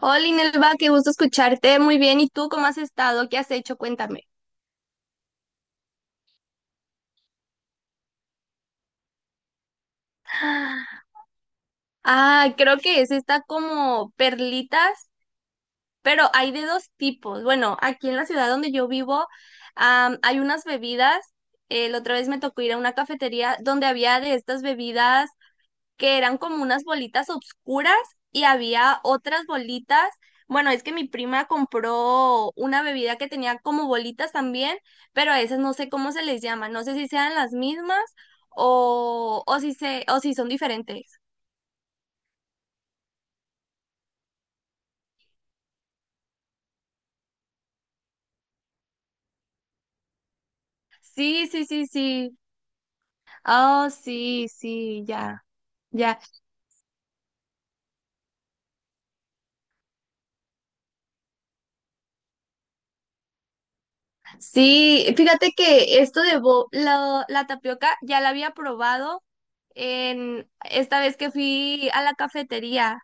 Hola, Inelva, qué gusto escucharte. Muy bien. ¿Y tú cómo has estado? ¿Qué has hecho? Cuéntame. Ah, creo que es esta como perlitas, pero hay de dos tipos. Bueno, aquí en la ciudad donde yo vivo, hay unas bebidas. La otra vez me tocó ir a una cafetería donde había de estas bebidas que eran como unas bolitas oscuras y había otras bolitas. Bueno, es que mi prima compró una bebida que tenía como bolitas también, pero a esas no sé cómo se les llama, no sé si sean las mismas o si se, o si son diferentes. Sí, sí, sí, sí. Oh, sí, sí, ya. Ya, sí, fíjate que esto de la tapioca ya la había probado en esta vez que fui a la cafetería,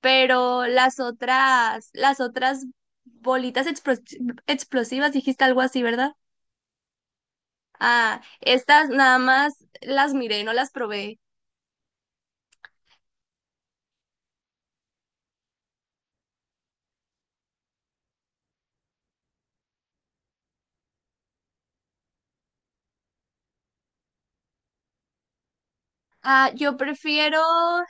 pero las otras bolitas explosivas, dijiste algo así, ¿verdad? Ah, estas nada más las miré, no las probé. Ah, yo prefiero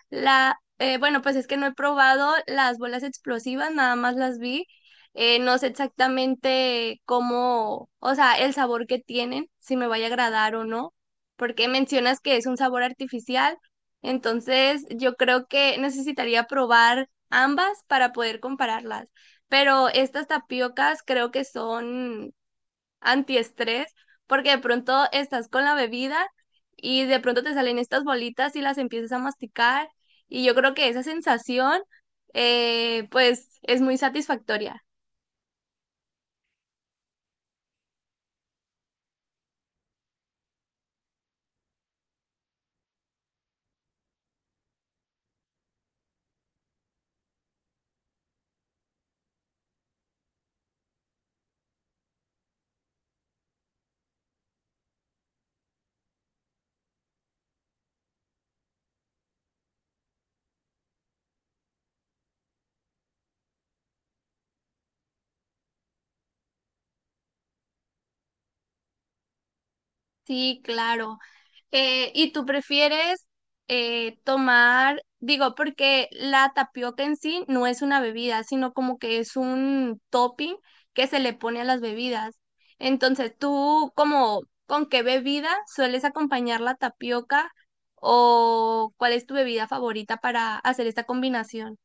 bueno, pues es que no he probado las bolas explosivas, nada más las vi. No sé exactamente cómo, o sea, el sabor que tienen, si me vaya a agradar o no, porque mencionas que es un sabor artificial, entonces yo creo que necesitaría probar ambas para poder compararlas. Pero estas tapiocas creo que son antiestrés, porque de pronto estás con la bebida y de pronto te salen estas bolitas y las empiezas a masticar y yo creo que esa sensación pues es muy satisfactoria. Sí, claro. ¿Y tú prefieres tomar, digo, porque la tapioca en sí no es una bebida, sino como que es un topping que se le pone a las bebidas? Entonces, ¿tú como con qué bebida sueles acompañar la tapioca o cuál es tu bebida favorita para hacer esta combinación?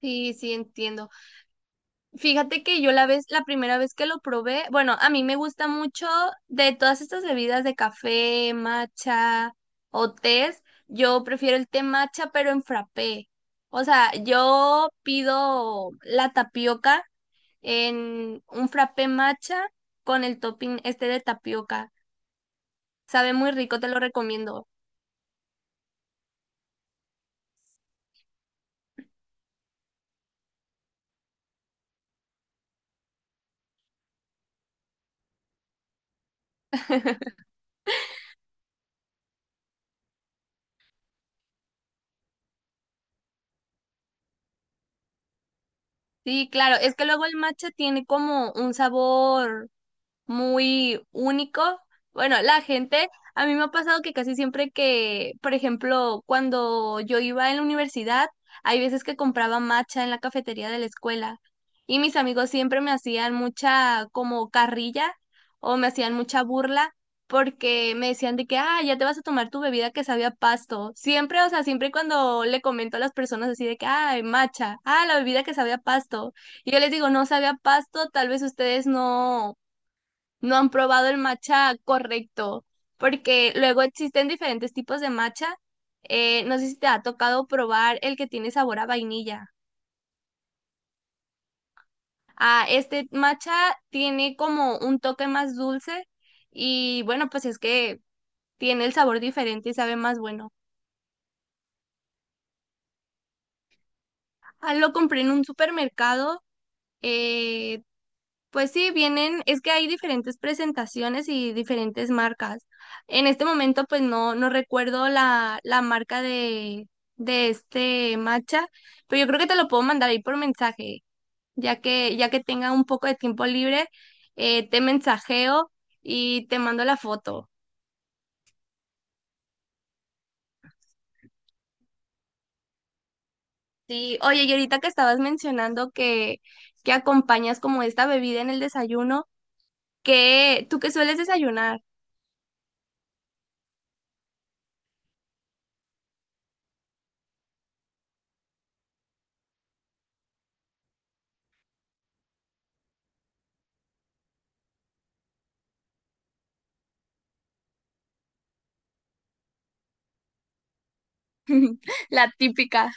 Sí, sí, entiendo. Fíjate que yo la primera vez que lo probé, bueno, a mí me gusta mucho de todas estas bebidas de café, matcha o tés, yo prefiero el té matcha pero en frappé. O sea, yo pido la tapioca en un frappé matcha con el topping este de tapioca. Sabe muy rico, te lo recomiendo. Sí, claro, es que luego el matcha tiene como un sabor muy único. Bueno, la gente, a mí me ha pasado que casi siempre que, por ejemplo, cuando yo iba en la universidad, hay veces que compraba matcha en la cafetería de la escuela y mis amigos siempre me hacían mucha como carrilla o me hacían mucha burla porque me decían de que, ah, ya te vas a tomar tu bebida que sabía a pasto. Siempre, o sea, siempre cuando le comento a las personas así de que, ay, matcha, ah, la bebida que sabía a pasto. Y yo les digo, no sabía a pasto, tal vez ustedes no han probado el matcha correcto, porque luego existen diferentes tipos de matcha. No sé si te ha tocado probar el que tiene sabor a vainilla. Ah, este matcha tiene como un toque más dulce y bueno, pues es que tiene el sabor diferente y sabe más bueno. Ah, lo compré en un supermercado. eh, Pues sí, vienen, es que hay diferentes presentaciones y diferentes marcas. En este momento, pues no, no recuerdo la marca de este matcha, pero yo creo que te lo puedo mandar ahí por mensaje, ya que tenga un poco de tiempo libre, te mensajeo y te mando la foto. Sí, oye, y ahorita que estabas mencionando que acompañas como esta bebida en el desayuno, ¿qué ¿tú qué sueles desayunar? La típica.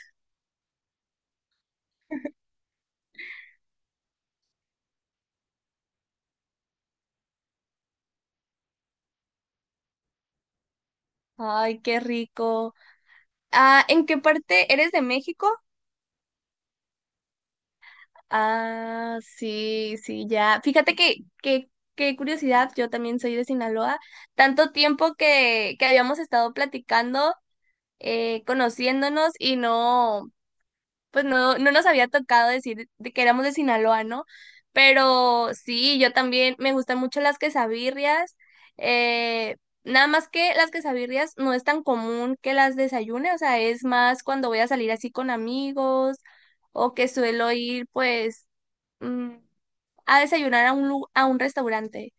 Ay, qué rico. Ah, ¿en qué parte eres de México? Ah, sí, sí, ya. Fíjate qué curiosidad, yo también soy de Sinaloa. Tanto tiempo que habíamos estado platicando, conociéndonos y no, pues no, no nos había tocado decir de que éramos de Sinaloa, ¿no? Pero sí, yo también me gustan mucho las quesabirrias. eh, Nada más que las quesabirrias no es tan común que las desayune, o sea, es más cuando voy a salir así con amigos o que suelo ir pues mm, a desayunar a un, a un restaurante.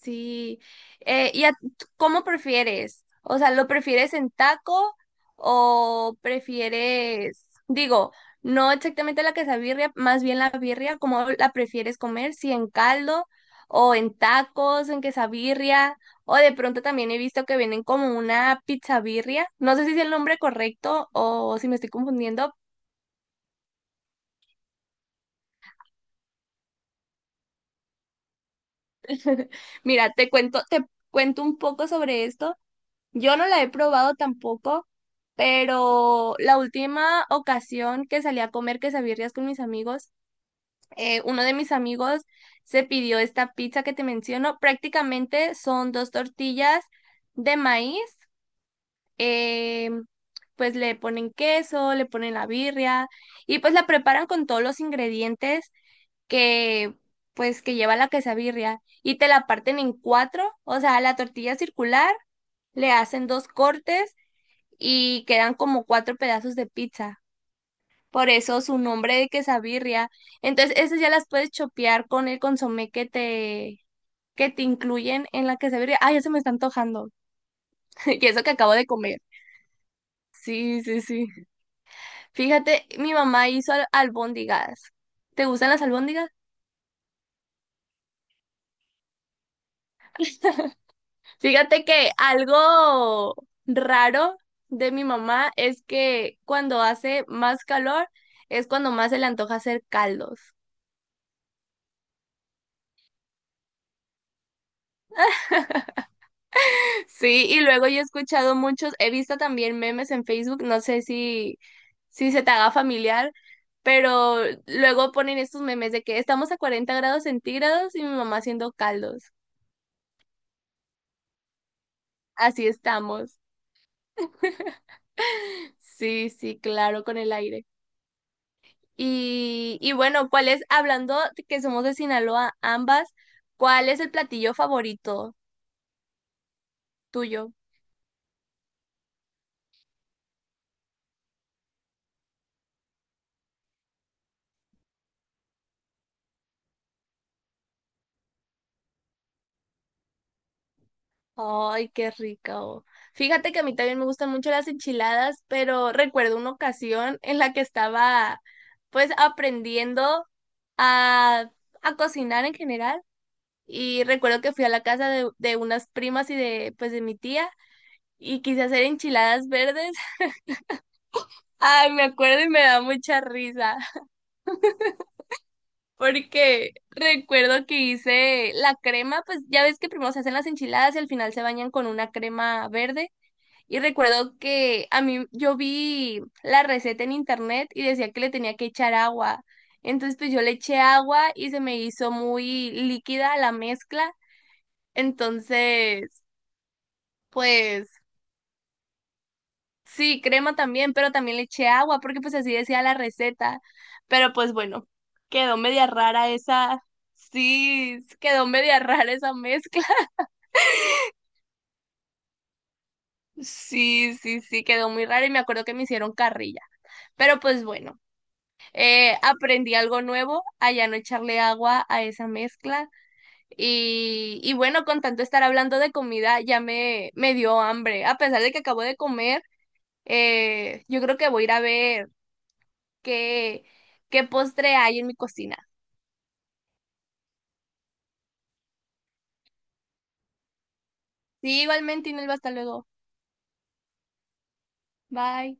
Sí. ¿Y a- tú cómo prefieres? O sea, ¿lo prefieres en taco o prefieres, digo, no exactamente la quesabirria, más bien la birria, cómo la prefieres comer? ¿Si en caldo o en tacos, en quesabirria, o de pronto también he visto que vienen como una pizza birria? No sé si es el nombre correcto o si me estoy confundiendo. Mira, te cuento un poco sobre esto. Yo no la he probado tampoco, pero la última ocasión que salí a comer quesabirrias con mis amigos, uno de mis amigos se pidió esta pizza que te menciono. Prácticamente son dos tortillas de maíz, eh, pues le ponen queso, le ponen la birria y pues la preparan con todos los ingredientes que pues que lleva la quesabirria y te la parten en cuatro, o sea, la tortilla circular, le hacen dos cortes y quedan como cuatro pedazos de pizza. Por eso su nombre de quesabirria. Entonces, esas ya las puedes chopear con el consomé que te incluyen en la quesabirria. Ah, ya se me está antojando. Y eso que acabo de comer. Sí, sí, sí. Fíjate, mi mamá hizo albóndigas. ¿Te gustan las albóndigas? Fíjate que algo raro de mi mamá es que cuando hace más calor es cuando más se le antoja hacer caldos. Sí, y luego yo he escuchado muchos, he visto también memes en Facebook, no sé si, si se te haga familiar, pero luego ponen estos memes de que estamos a 40 grados centígrados y mi mamá haciendo caldos. Así estamos. Sí, sí, claro, con el aire. Y bueno, ¿cuál es, hablando de que somos de Sinaloa ambas, cuál es el platillo favorito tuyo? Ay, qué rico. Fíjate que a mí también me gustan mucho las enchiladas, pero recuerdo una ocasión en la que estaba pues aprendiendo a, a cocinar en general y recuerdo que fui a la casa de unas primas y de pues de mi tía y quise hacer enchiladas verdes. Ay, me acuerdo y me da mucha risa porque recuerdo que hice la crema, pues ya ves que primero se hacen las enchiladas y al final se bañan con una crema verde. Y recuerdo que a mí yo vi la receta en internet y decía que le tenía que echar agua. Entonces pues yo le eché agua y se me hizo muy líquida la mezcla. Entonces pues sí, crema también, pero también le eché agua porque pues así decía la receta. Pero pues bueno, quedó media rara esa. Sí, quedó media rara esa mezcla. Sí, sí, sí, quedó muy rara y me acuerdo que me hicieron carrilla. Pero pues bueno. Aprendí algo nuevo, a ya no echarle agua a esa mezcla. Y bueno, con tanto estar hablando de comida, me dio hambre. A pesar de que acabo de comer, yo creo que voy a ir a ver qué, qué postre hay en mi cocina. Sí, igualmente, Inelva, hasta luego. Bye.